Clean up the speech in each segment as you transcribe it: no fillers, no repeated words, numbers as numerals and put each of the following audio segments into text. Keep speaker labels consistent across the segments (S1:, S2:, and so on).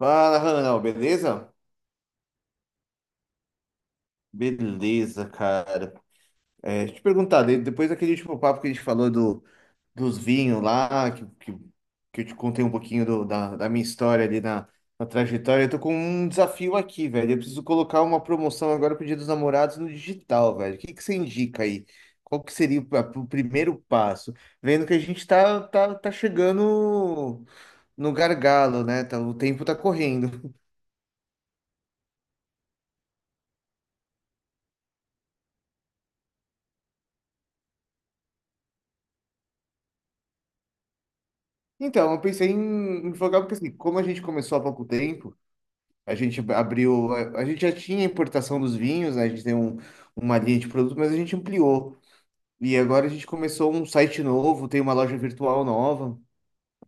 S1: Fala, Ranal, beleza? Beleza, cara. Deixa eu te perguntar, depois daquele último papo que a gente falou dos vinhos lá, que eu te contei um pouquinho da minha história na trajetória. Eu tô com um desafio aqui, velho. Eu preciso colocar uma promoção agora pro Dia dos Namorados no digital, velho. O que que você indica aí? Qual que seria o primeiro passo? Vendo que a gente tá chegando no gargalo, né? Tá, o tempo tá correndo. Então, eu pensei em focar, porque assim, como a gente começou há pouco tempo, a gente já tinha importação dos vinhos, né? A gente tem um, uma linha de produtos, mas a gente ampliou. E agora a gente começou um site novo, tem uma loja virtual nova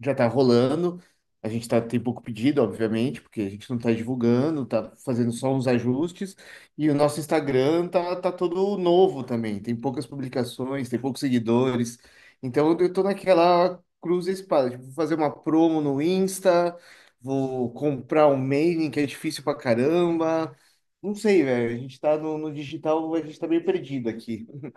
S1: já tá rolando. Tem pouco pedido, obviamente, porque a gente não tá divulgando, tá fazendo só uns ajustes. E o nosso Instagram tá todo novo também. Tem poucas publicações, tem poucos seguidores. Então eu tô naquela cruz e espada. Tipo, vou fazer uma promo no Insta, vou comprar um mailing que é difícil pra caramba. Não sei, velho. A gente tá no digital, a gente tá meio perdido aqui. O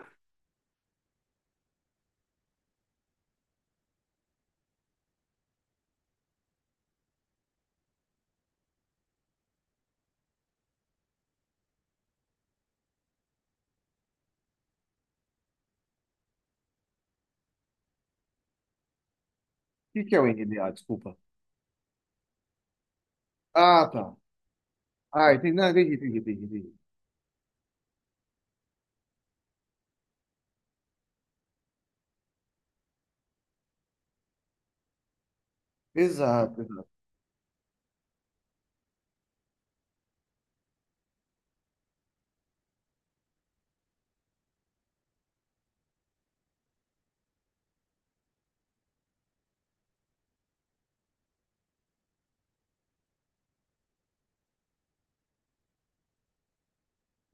S1: que que é o NDA? Desculpa. Ah, tá. Ah, entendi. Não, entendi, entendi, entendi. Exato.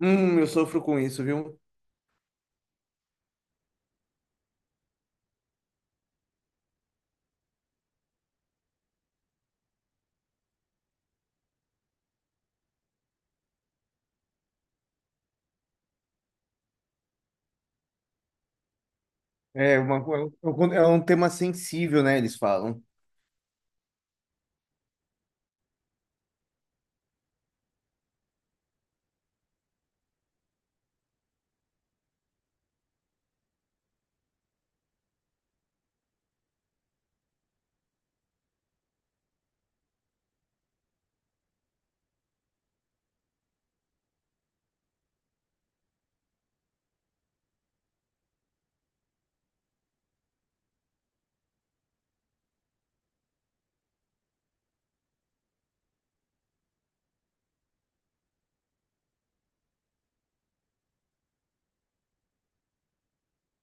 S1: Eu sofro com isso, viu? É, uma, É um tema sensível, né? Eles falam.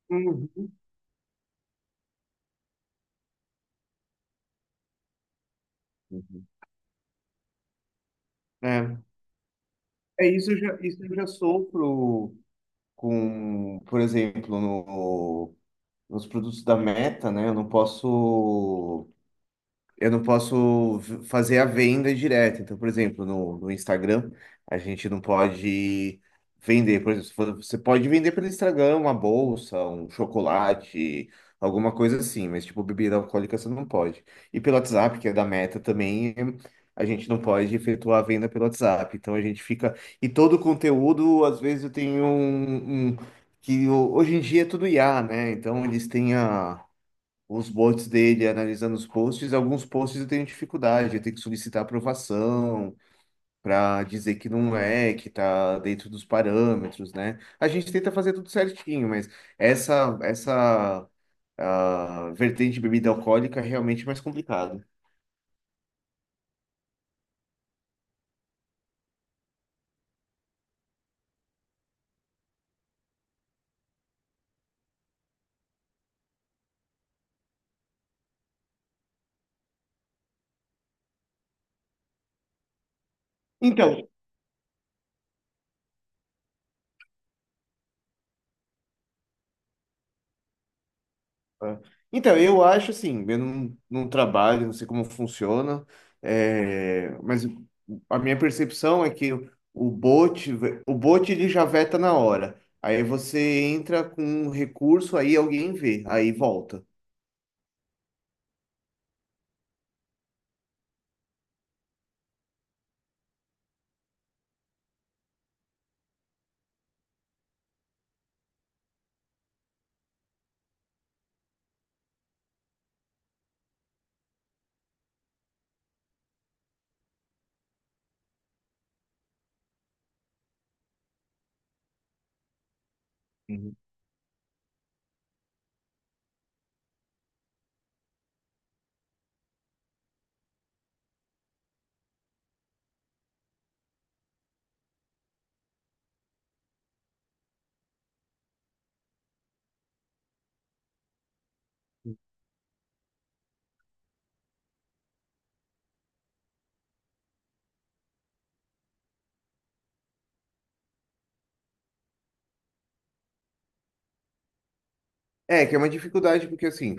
S1: Uhum. Uhum. É, é, isso eu já sofro com, por exemplo, no, nos produtos da Meta, né? Eu não posso. Eu não posso fazer a venda direta. Então, por exemplo, no Instagram, a gente não pode vender. Por exemplo, se for- você pode vender pelo Instagram uma bolsa, um chocolate, alguma coisa assim, mas tipo, bebida alcoólica você não pode. E pelo WhatsApp, que é da Meta também, a gente não pode efetuar a venda pelo WhatsApp. Então a gente fica. E todo o conteúdo, às vezes, eu tenho um. Um- Que hoje em dia é tudo IA, né? Então eles têm os bots dele, analisando os posts, alguns posts eu tenho dificuldade, eu tenho que solicitar aprovação para dizer que não é, que tá dentro dos parâmetros, né? A gente tenta fazer tudo certinho, mas essa vertente de bebida alcoólica é realmente mais complicado. Então, É. Então, eu acho assim, eu não trabalho, não sei como funciona, é, mas a minha percepção é que o bot, o bot ele já veta na hora. Aí você entra com um recurso, aí alguém vê, aí volta. Uhum. É, que é uma dificuldade, porque assim,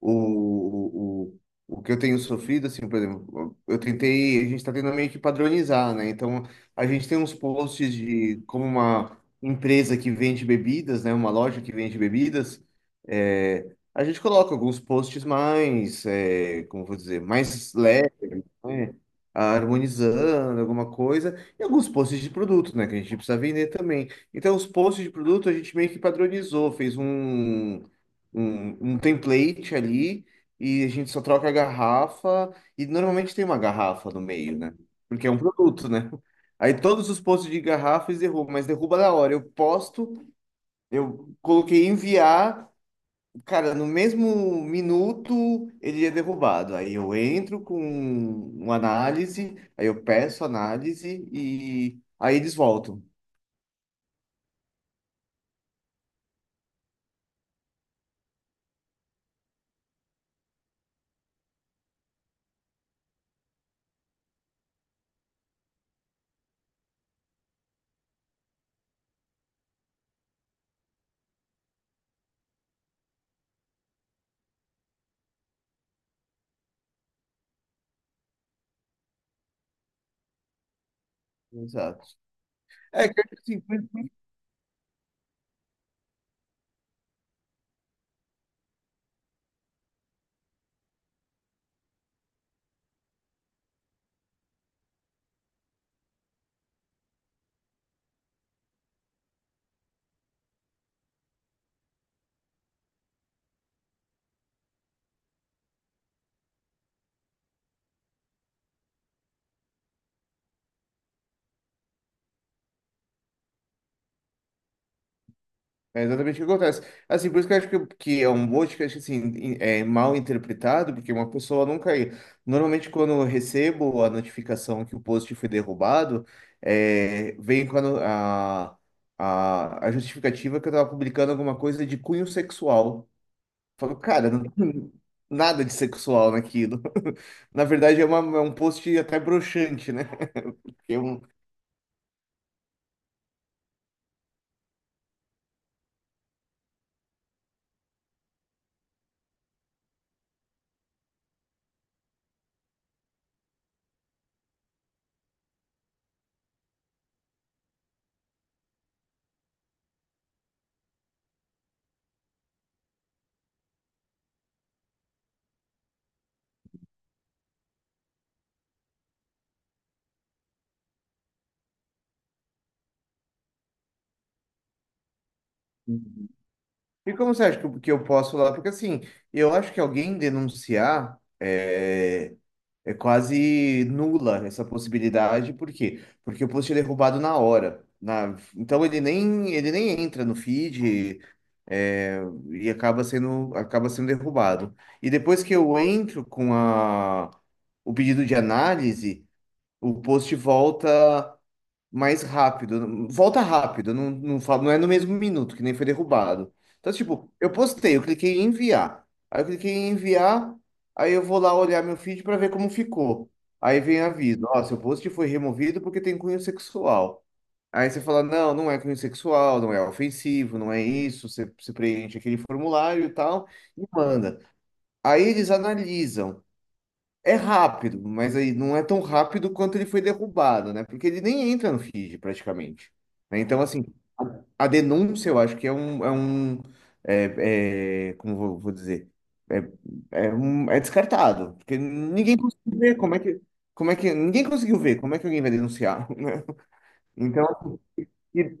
S1: o, o que eu tenho sofrido, assim, por exemplo, eu tentei, a gente está tentando meio que padronizar, né? Então, a gente tem uns posts de como uma empresa que vende bebidas, né? Uma loja que vende bebidas, é, a gente coloca alguns posts mais, é, como eu vou dizer, mais leves, né? Harmonizando alguma coisa, e alguns posts de produto, né, que a gente precisa vender também. Então, os posts de produto a gente meio que padronizou, fez um, um, um template ali e a gente só troca a garrafa e normalmente tem uma garrafa no meio, né? Porque é um produto, né? Aí todos os posts de garrafas derrubam, mas derruba na hora. Eu posto, eu coloquei enviar, cara, no mesmo minuto ele é derrubado. Aí eu entro com uma análise, aí eu peço análise e aí eles voltam. Exato. É, que assim, É exatamente o que acontece. Assim, por isso que eu acho que é um mote que eu acho assim, é mal interpretado, porque uma pessoa nunca. Normalmente, quando eu recebo a notificação que o post foi derrubado, é, vem a justificativa que eu tava publicando alguma coisa de cunho sexual. Eu falo, cara, não tem nada de sexual naquilo. Na verdade, é, uma, é um post até broxante, né? Porque é um, e como você acha que eu posso falar? Porque assim, eu acho que alguém denunciar é, é quase nula essa possibilidade. Por quê? Porque o post é derrubado na hora. Na, então ele nem entra no feed é, e acaba sendo derrubado. E depois que eu entro com a, o pedido de análise, o post volta mais rápido, volta rápido, não é no mesmo minuto que nem foi derrubado. Então, tipo, eu postei, eu cliquei em enviar. Aí eu cliquei em enviar, aí eu vou lá olhar meu feed para ver como ficou. Aí vem aviso, ó, seu post foi removido porque tem cunho sexual. Aí você fala, não, não é cunho sexual, não é ofensivo, não é isso. Você, você preenche aquele formulário e tal, e manda. Aí eles analisam. É rápido, mas aí não é tão rápido quanto ele foi derrubado, né? Porque ele nem entra no feed, praticamente. Né? Então, assim, a denúncia eu acho que é é um como vou, vou dizer, é, é descartado, porque ninguém conseguiu ver como é que ninguém conseguiu ver como é que alguém vai denunciar, né? Então, e-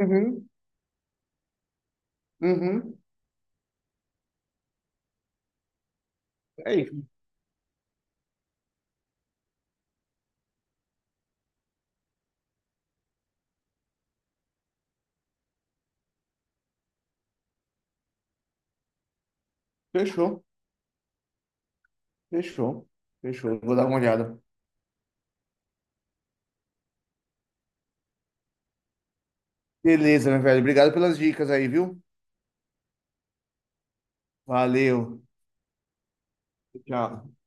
S1: uhum, uhum, é isso. Fechou, fechou, fechou. Vou dar uma olhada. Beleza, meu velho. Obrigado pelas dicas aí, viu? Valeu. Tchau.